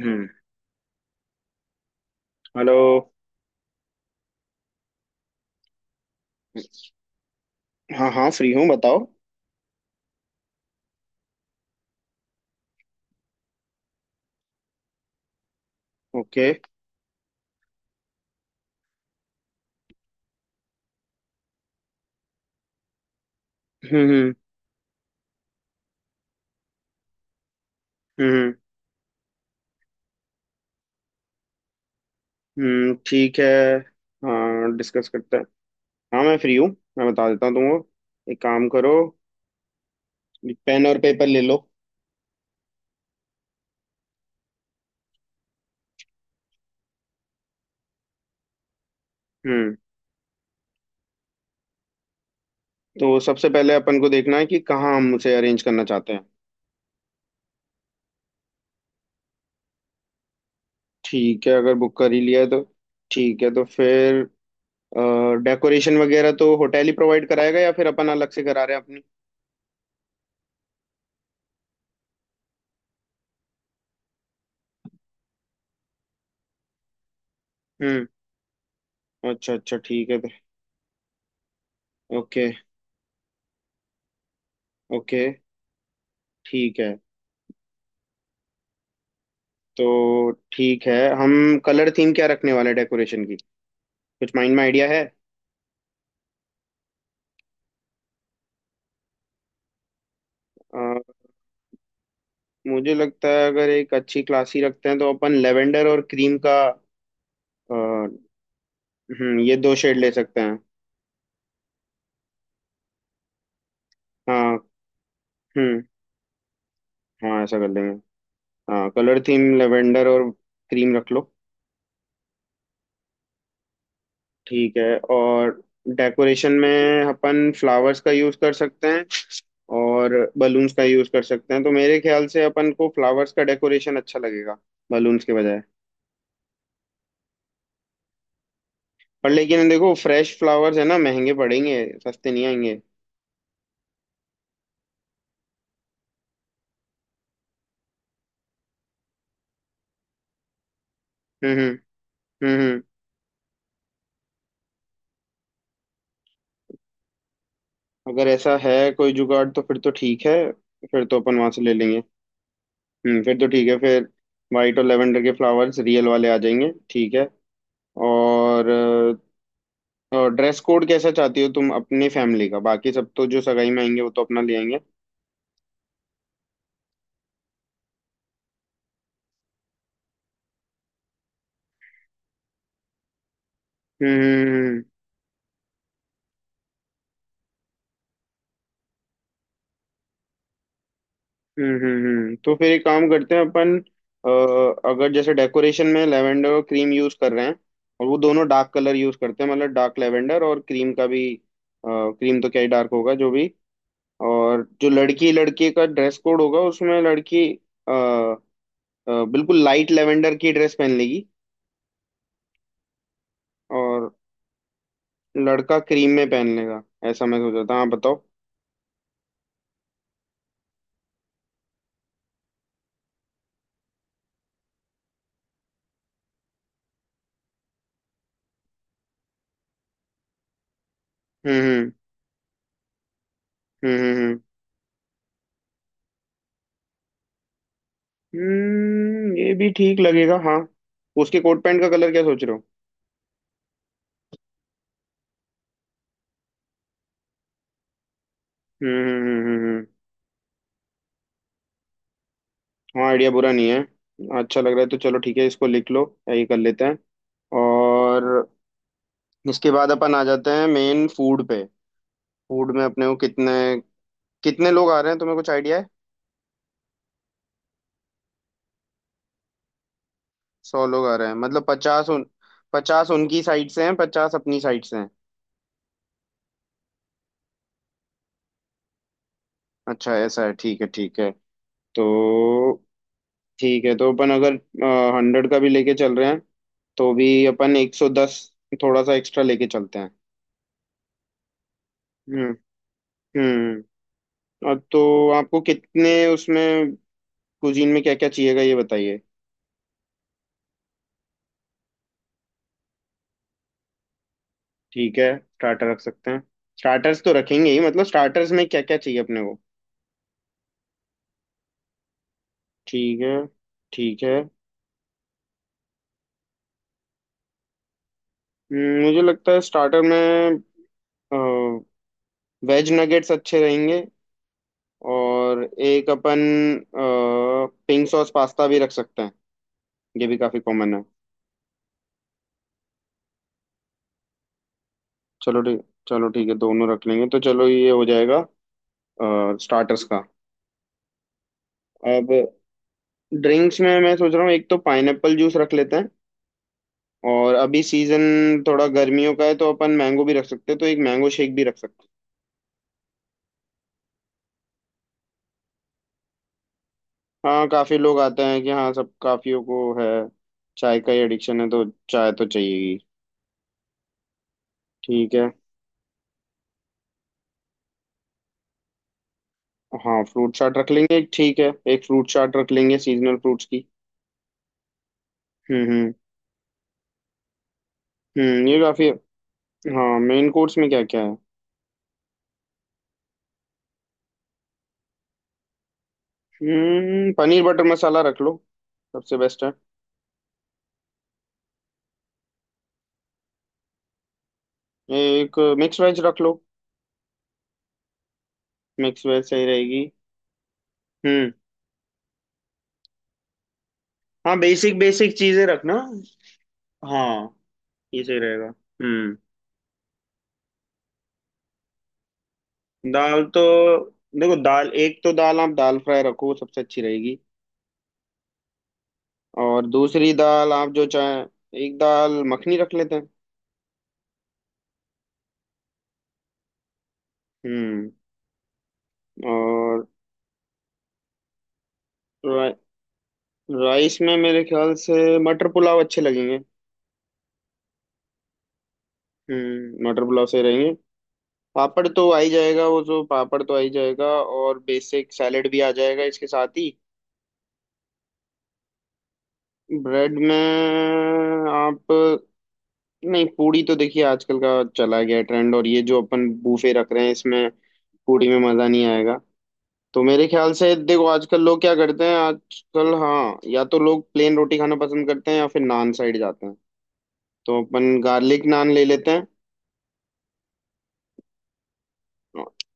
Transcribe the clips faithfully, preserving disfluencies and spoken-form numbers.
हम्म। Hello. हाँ हाँ, free हूँ, बताओ। ओके। हम्म हम्म हम्म हम्म, ठीक है। हाँ, डिस्कस करते हैं। हाँ, मैं फ्री हूँ। मैं बता देता हूँ तुमको, एक काम करो, पेन और पेपर ले लो। हम्म। तो सबसे पहले अपन को देखना है कि कहाँ हम उसे अरेंज करना चाहते हैं। ठीक है, अगर बुक कर ही लिया है तो ठीक है, तो फिर डेकोरेशन वगैरह तो होटल ही प्रोवाइड कराएगा या फिर अपन अलग से करा रहे हैं अपनी। हम्म, अच्छा अच्छा, ठीक है। ओके ओके, ठीक है। तो ठीक है। हम कलर थीम क्या रखने वाले हैं डेकोरेशन की, कुछ माइंड में आइडिया है? अ, मुझे लगता है अगर एक अच्छी क्लासी रखते हैं तो अपन लेवेंडर और क्रीम का। अ, हम्म, ये दो शेड ले सकते हैं। हाँ। हम्म। हाँ, ऐसा कर लेंगे। हाँ, कलर थीम लेवेंडर और क्रीम रख लो। ठीक है। और डेकोरेशन में अपन फ्लावर्स का यूज़ कर सकते हैं, और बलून्स का यूज़ कर सकते हैं, तो मेरे ख्याल से अपन को फ्लावर्स का डेकोरेशन अच्छा लगेगा बलून्स के बजाय। पर लेकिन देखो, फ्रेश फ्लावर्स है ना, महंगे पड़ेंगे, सस्ते नहीं आएंगे। हम्म हम्म। हम्म हम्म। अगर ऐसा है कोई जुगाड़ तो फिर तो ठीक है, फिर तो अपन वहां से ले लेंगे। हम्म, फिर तो ठीक है फिर। वाइट और लेवेंडर के फ्लावर्स रियल वाले आ जाएंगे, ठीक है। और, और ड्रेस कोड कैसा चाहती हो तुम अपनी फैमिली का, बाकी सब तो जो सगाई में आएंगे वो तो अपना ले आएंगे। हम्म हम्म, हम्म। हम्म हम्म हम्म। तो फिर एक काम करते हैं अपन। अ, अगर जैसे डेकोरेशन में लेवेंडर और क्रीम यूज कर रहे हैं, और वो दोनों डार्क कलर यूज करते हैं, मतलब डार्क लेवेंडर और क्रीम का भी। क्रीम तो क्या ही डार्क होगा, जो भी। और जो लड़की लड़के का ड्रेस कोड होगा उसमें लड़की अ, अ, बिल्कुल लाइट लेवेंडर की ड्रेस पहन लेगी, और लड़का क्रीम में पहन लेगा। ऐसा मैं सोचा था, हाँ बताओ। हम्म हम्म हम्म हम्म हम्म। हम्म, ये भी ठीक लगेगा, हाँ। उसके कोट पैंट का कलर क्या सोच रहे हो? हम्म हम्म हम्म, हम्म। हम्म। हाँ, आइडिया बुरा नहीं है। अच्छा लग रहा है तो चलो ठीक है, इसको लिख लो, यही कर लेते हैं। और इसके बाद अपन आ जाते हैं मेन फूड पे। फूड में अपने को कितने कितने लोग आ रहे हैं, तुम्हें कुछ आइडिया है? सौ लोग आ रहे हैं मतलब पचास उन पचास उनकी साइड से हैं, पचास अपनी साइड से हैं? अच्छा ऐसा है, ठीक है ठीक है। तो ठीक है, तो अपन अगर हंड्रेड का भी लेके चल रहे हैं तो भी अपन एक सौ दस, थोड़ा सा एक्स्ट्रा लेके चलते हैं। हम्म। हम्म। अ, तो आपको कितने उसमें, कुजीन में क्या क्या चाहिएगा ये बताइए। ठीक है, स्टार्टर रख सकते हैं। स्टार्टर्स तो रखेंगे ही, मतलब स्टार्टर्स में क्या क्या चाहिए अपने को? ठीक है। ठीक है। हम्म, मुझे लगता है स्टार्टर में वेज नगेट्स अच्छे रहेंगे, और एक अपन पिंक सॉस पास्ता भी रख सकते हैं, ये भी काफी कॉमन है। चलो ठीक। चलो ठीक है, दोनों रख लेंगे, तो चलो ये हो जाएगा स्टार्टर्स का। अब ड्रिंक्स में मैं सोच रहा हूँ एक तो पाइनएप्पल जूस रख लेते हैं, और अभी सीजन थोड़ा गर्मियों का है तो अपन मैंगो भी रख सकते हैं, तो एक मैंगो शेक भी रख सकते हैं। हाँ काफी लोग आते हैं कि हाँ सब काफियों को है, चाय का ही एडिक्शन है, तो चाय तो चाहिए। ठीक है। हाँ, फ्रूट चाट रख लेंगे, ठीक है, एक फ्रूट चाट रख लेंगे सीजनल फ्रूट्स की। हम्म हम्म। हम्म, ये काफी। हाँ, मेन कोर्स में क्या क्या है? हम्म पनीर बटर मसाला रख लो, सबसे बेस्ट है। एक मिक्स वेज रख लो। मिक्स वेज सही रहेगी। हम्म। हाँ, बेसिक बेसिक चीजें रखना। हाँ, ये सही रहेगा। हम्म। दाल तो देखो, दाल, एक तो दाल आप दाल फ्राई रखो, वो सबसे अच्छी रहेगी। और दूसरी दाल आप जो चाहे, एक दाल मखनी रख लेते हैं। हम्म। और रा, राइस में मेरे ख्याल से मटर पुलाव अच्छे लगेंगे। हम्म, मटर पुलाव सही रहेंगे। पापड़ तो आ ही जाएगा, वो जो पापड़ तो आ ही जाएगा। और बेसिक सैलेड भी आ जाएगा इसके साथ ही। ब्रेड में आप, नहीं, पूरी तो देखिए आजकल का चला गया ट्रेंड, और ये जो अपन बूफे रख रहे हैं इसमें पूरी में मजा नहीं आएगा। तो मेरे ख्याल से देखो आजकल लोग क्या करते हैं आजकल, हाँ, या तो लोग प्लेन रोटी खाना पसंद करते हैं या फिर नान साइड जाते हैं, तो अपन गार्लिक नान ले लेते हैं।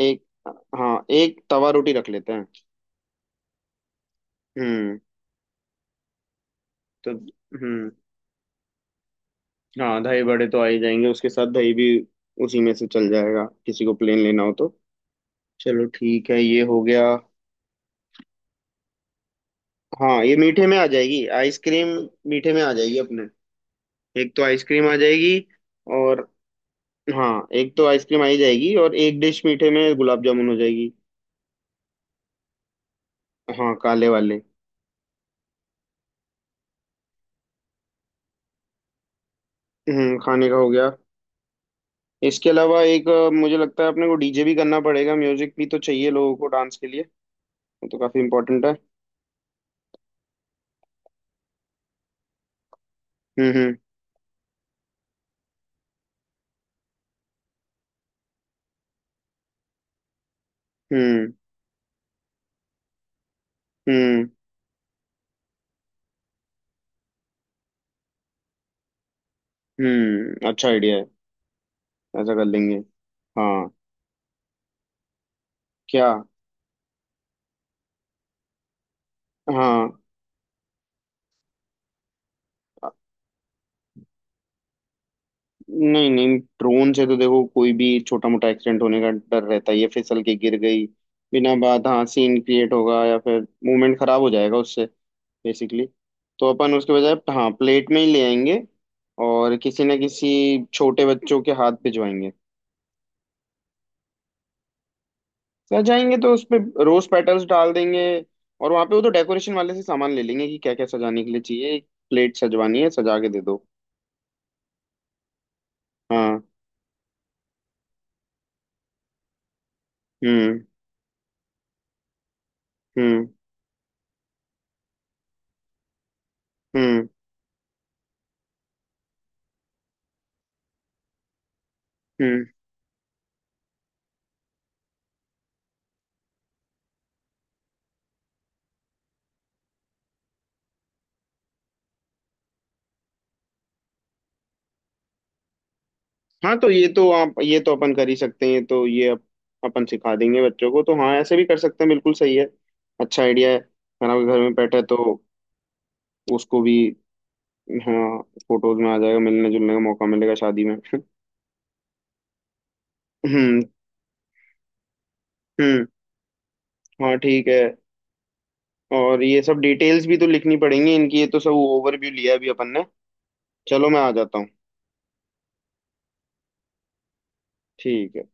एक, हाँ, एक तवा रोटी रख लेते हैं। हम्म। तो हम्म। हाँ, दही बड़े तो आ ही जाएंगे, उसके साथ दही भी उसी में से चल जाएगा, किसी को प्लेन लेना हो तो। चलो ठीक है, ये हो गया। हाँ, ये मीठे में आ जाएगी आइसक्रीम, मीठे में आ जाएगी अपने, एक तो आइसक्रीम आ जाएगी। और, हाँ, एक तो आइसक्रीम आ ही जाएगी, और एक डिश मीठे में गुलाब जामुन हो जाएगी। हाँ, काले वाले। हम्म, खाने का हो गया। इसके अलावा एक अ, मुझे लगता है अपने को डीजे भी करना पड़ेगा, म्यूजिक भी तो चाहिए लोगों को डांस के लिए, वो तो काफी इम्पोर्टेंट है। हम्म हम्म हम्म हम्म हम्म। अच्छा आइडिया है, ऐसा कर लेंगे। हाँ। क्या? हाँ। नहीं नहीं, ड्रोन से तो देखो, कोई भी छोटा मोटा एक्सीडेंट होने का डर रहता है, ये फिसल के गिर गई, बिना बात हाँ सीन क्रिएट होगा या फिर मूवमेंट खराब हो जाएगा उससे, बेसिकली। तो अपन उसके बजाय हाँ प्लेट में ही ले आएंगे, और किसी ना किसी छोटे बच्चों के हाथ भिजवाएंगे। सजाएंगे तो उसपे रोज पेटल्स डाल देंगे, और वहां पे वो तो डेकोरेशन वाले से सामान ले लेंगे कि क्या क्या सजाने के लिए चाहिए, एक प्लेट सजवानी है, सजा के दे दो। हाँ। हम्म हम्म हम्म हम्म। हाँ तो ये तो आप, ये तो अपन कर ही सकते हैं, ये तो, ये अप, अपन सिखा देंगे बच्चों को तो, हाँ ऐसे भी कर सकते हैं, बिल्कुल सही है। अच्छा आइडिया है, खाना भी घर में बैठा है तो उसको भी। हाँ, फोटोज में आ जाएगा, मिलने जुलने का मौका मिलेगा शादी में हम्म हम्म। हाँ, ठीक है। और ये सब डिटेल्स भी तो लिखनी पड़ेंगी इनकी, ये तो सब ओवरव्यू लिया अभी अपन ने। चलो मैं आ जाता हूँ। ठीक है।